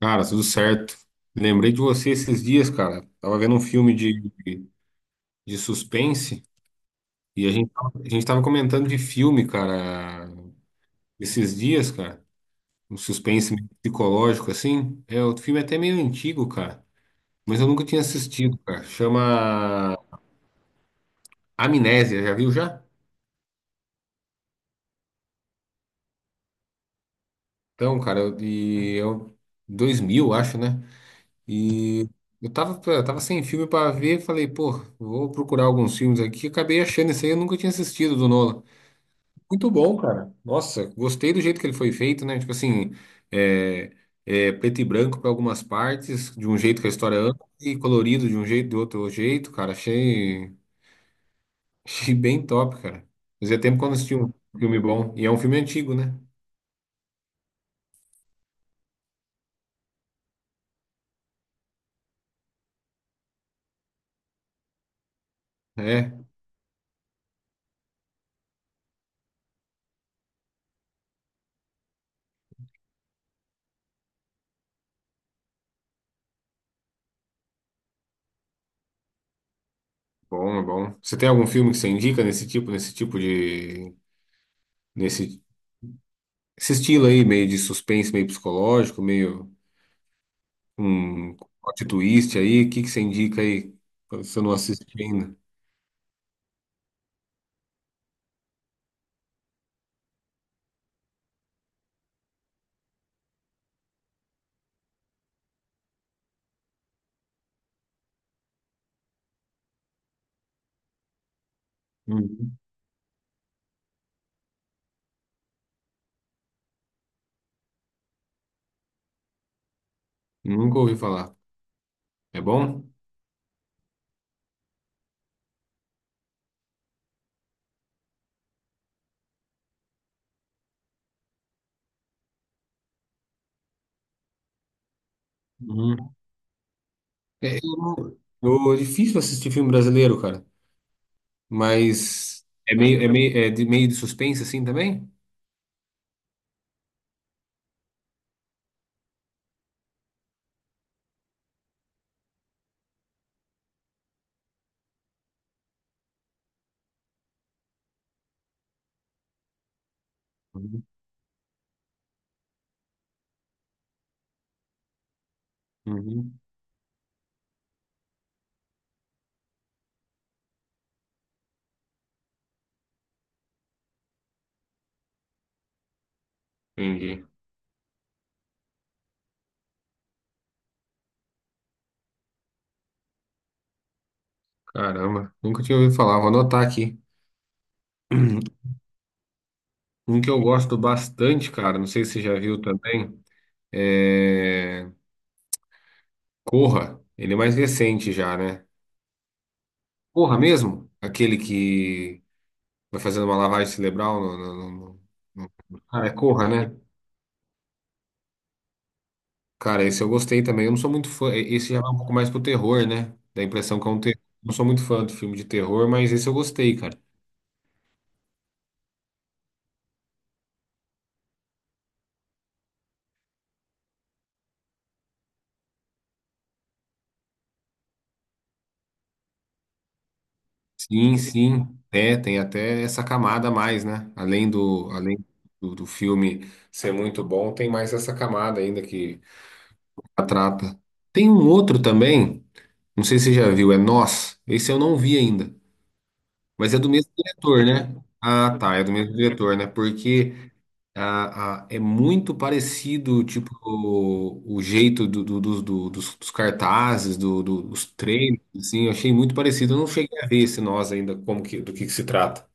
Cara, tudo certo. Lembrei de você esses dias, cara. Tava vendo um filme de, de suspense e a gente tava comentando de filme, cara, esses dias, cara. Um suspense meio psicológico, assim. É, o filme é até meio antigo, cara. Mas eu nunca tinha assistido, cara. Chama Amnésia, já viu já? Então, cara, e eu 2000 acho, né? E tava sem filme pra ver, falei, pô, vou procurar alguns filmes aqui. Acabei achando esse aí, eu nunca tinha assistido do Nolan. Muito bom, cara. Nossa, gostei do jeito que ele foi feito, né? Tipo assim, é, é preto e branco para algumas partes, de um jeito que a história anda, e colorido de um jeito, do outro jeito, cara. Achei bem top, cara. Fazia tempo que eu não assistia um filme bom. E é um filme antigo, né? É, bom, é bom. Você tem algum filme que você indica nesse tipo de, nesse, esse estilo aí, meio de suspense, meio psicológico, meio um plot twist aí? O que que você indica aí, se eu não assisti ainda? Hum. Nunca ouvi falar. É bom? Uhum. É, é difícil assistir filme brasileiro, cara. Mas meio de suspense assim também? Uhum. Uhum. Entendi. Caramba, nunca tinha ouvido falar. Vou anotar aqui. Um que eu gosto bastante, cara. Não sei se você já viu também. É Corra. Ele é mais recente já, né? Corra mesmo? Aquele que vai fazendo uma lavagem cerebral no- no, Cara, é Corra, né? Cara, esse eu gostei também. Eu não sou muito fã. Esse já vai um pouco mais pro terror, né? Dá a impressão que é um terror. Não sou muito fã do filme de terror, mas esse eu gostei, cara. Sim, sim. É, tem até essa camada a mais, né? Além do filme ser muito bom, tem mais essa camada ainda que a trata. Tem um outro também, não sei se você já viu, é Nós. Esse eu não vi ainda. Mas é do mesmo diretor, né? Ah, tá. É do mesmo diretor, né? Porque. É muito parecido, tipo, o jeito dos cartazes, dos treinos, assim, eu achei muito parecido. Eu não cheguei a ver esse nós ainda, como que, do que se trata.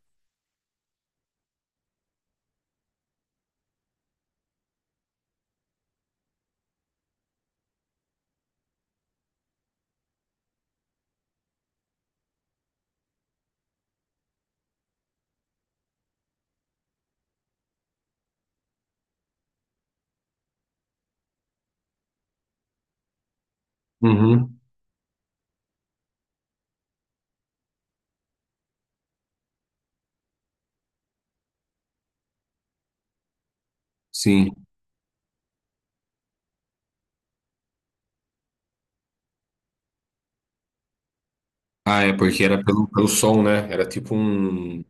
Uhum, sim. Ah, é, porque era pelo som, né? Era tipo um.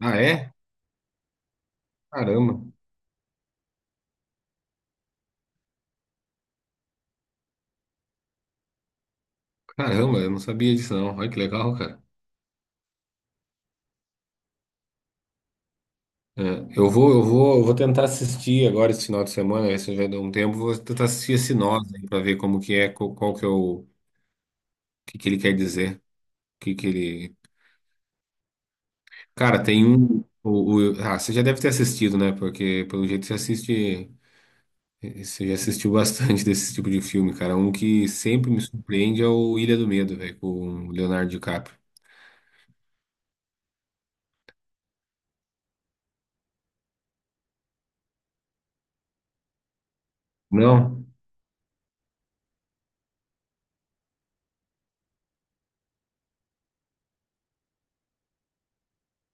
Ah, é? Caramba, caramba, eu não sabia disso, não. Olha que legal, cara. É, eu vou tentar assistir agora esse final de semana, esse já deu um tempo, vou tentar assistir esse nós aí pra ver como que é, qual que é o que que ele quer dizer. Que ele... Cara, tem um... Ah, você já deve ter assistido, né? Porque, pelo jeito, você assiste... Você já assistiu bastante desse tipo de filme, cara. Um que sempre me surpreende é o Ilha do Medo, velho, com o Leonardo DiCaprio. Não,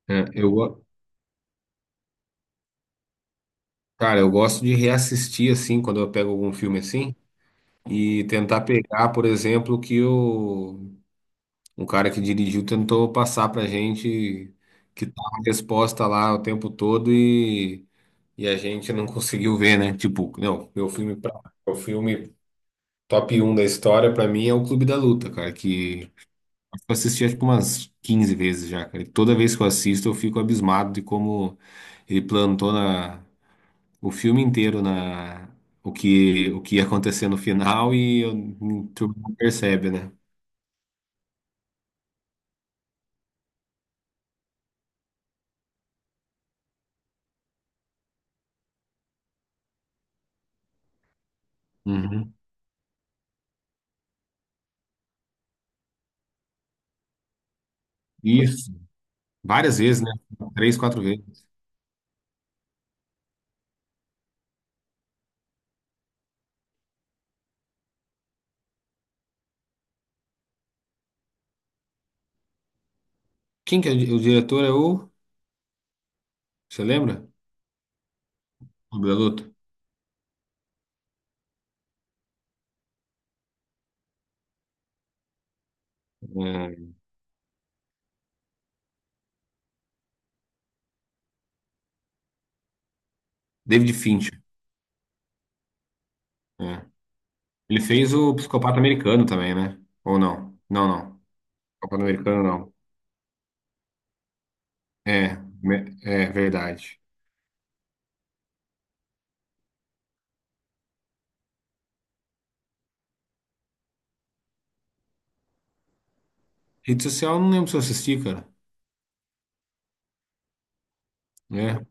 é, eu... go- Cara, eu gosto de reassistir, assim, quando eu pego algum filme assim, e tentar pegar, por exemplo, o que o... Um cara que dirigiu tentou passar pra gente que tá a resposta lá o tempo todo e... E a gente não conseguiu ver, né? Tipo, não, meu filme top um da história, pra mim, é o Clube da Luta, cara, que eu assisti acho que umas 15 vezes já, cara. E toda vez que eu assisto, eu fico abismado de como ele plantou na, o filme inteiro na, o que ia acontecer no final tu não percebe, né? Uhum. Isso. Várias vezes, né? Três, quatro vezes. Quem que é o diretor? É o. Você lembra? Clube da Luta? É, David Fincher. É. Ele fez o Psicopata Americano também, né? Ou não? Não, não. Psicopata Americano não. É, é verdade. Rede social, eu não lembro se eu assisti, cara. É.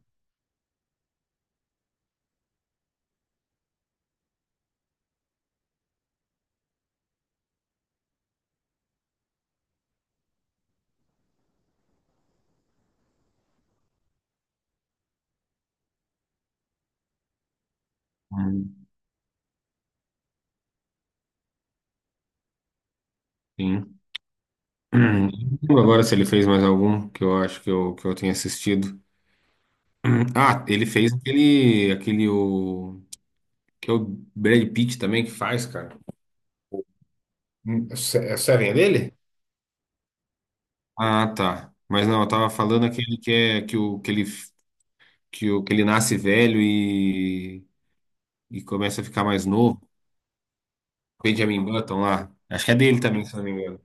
Hum, Sim. Não lembro agora se ele fez mais algum que eu acho que eu tenha assistido. Ah, ele fez aquele, aquele que é o Brad Pitt também que faz, cara. É o Se- é o Seven dele? Ah, tá. Mas não, eu tava falando aquele que ele nasce velho e começa a ficar mais novo. Benjamin Button lá. Acho que é dele também, se não me engano.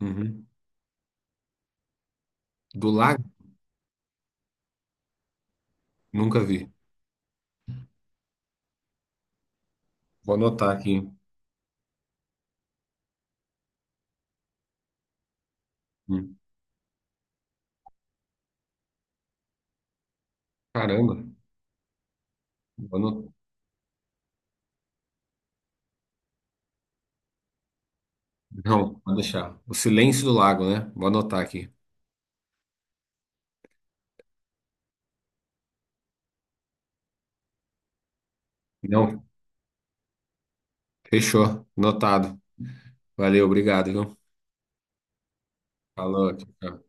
Uhum. Do Lago? Nunca vi. Vou anotar aqui. Hum. Caramba. Vou ano- Não, vou deixar. O Silêncio do Lago, né? Vou anotar aqui. Não, fechou. Anotado. Valeu, obrigado, viu? Falou. Tchau, tchau.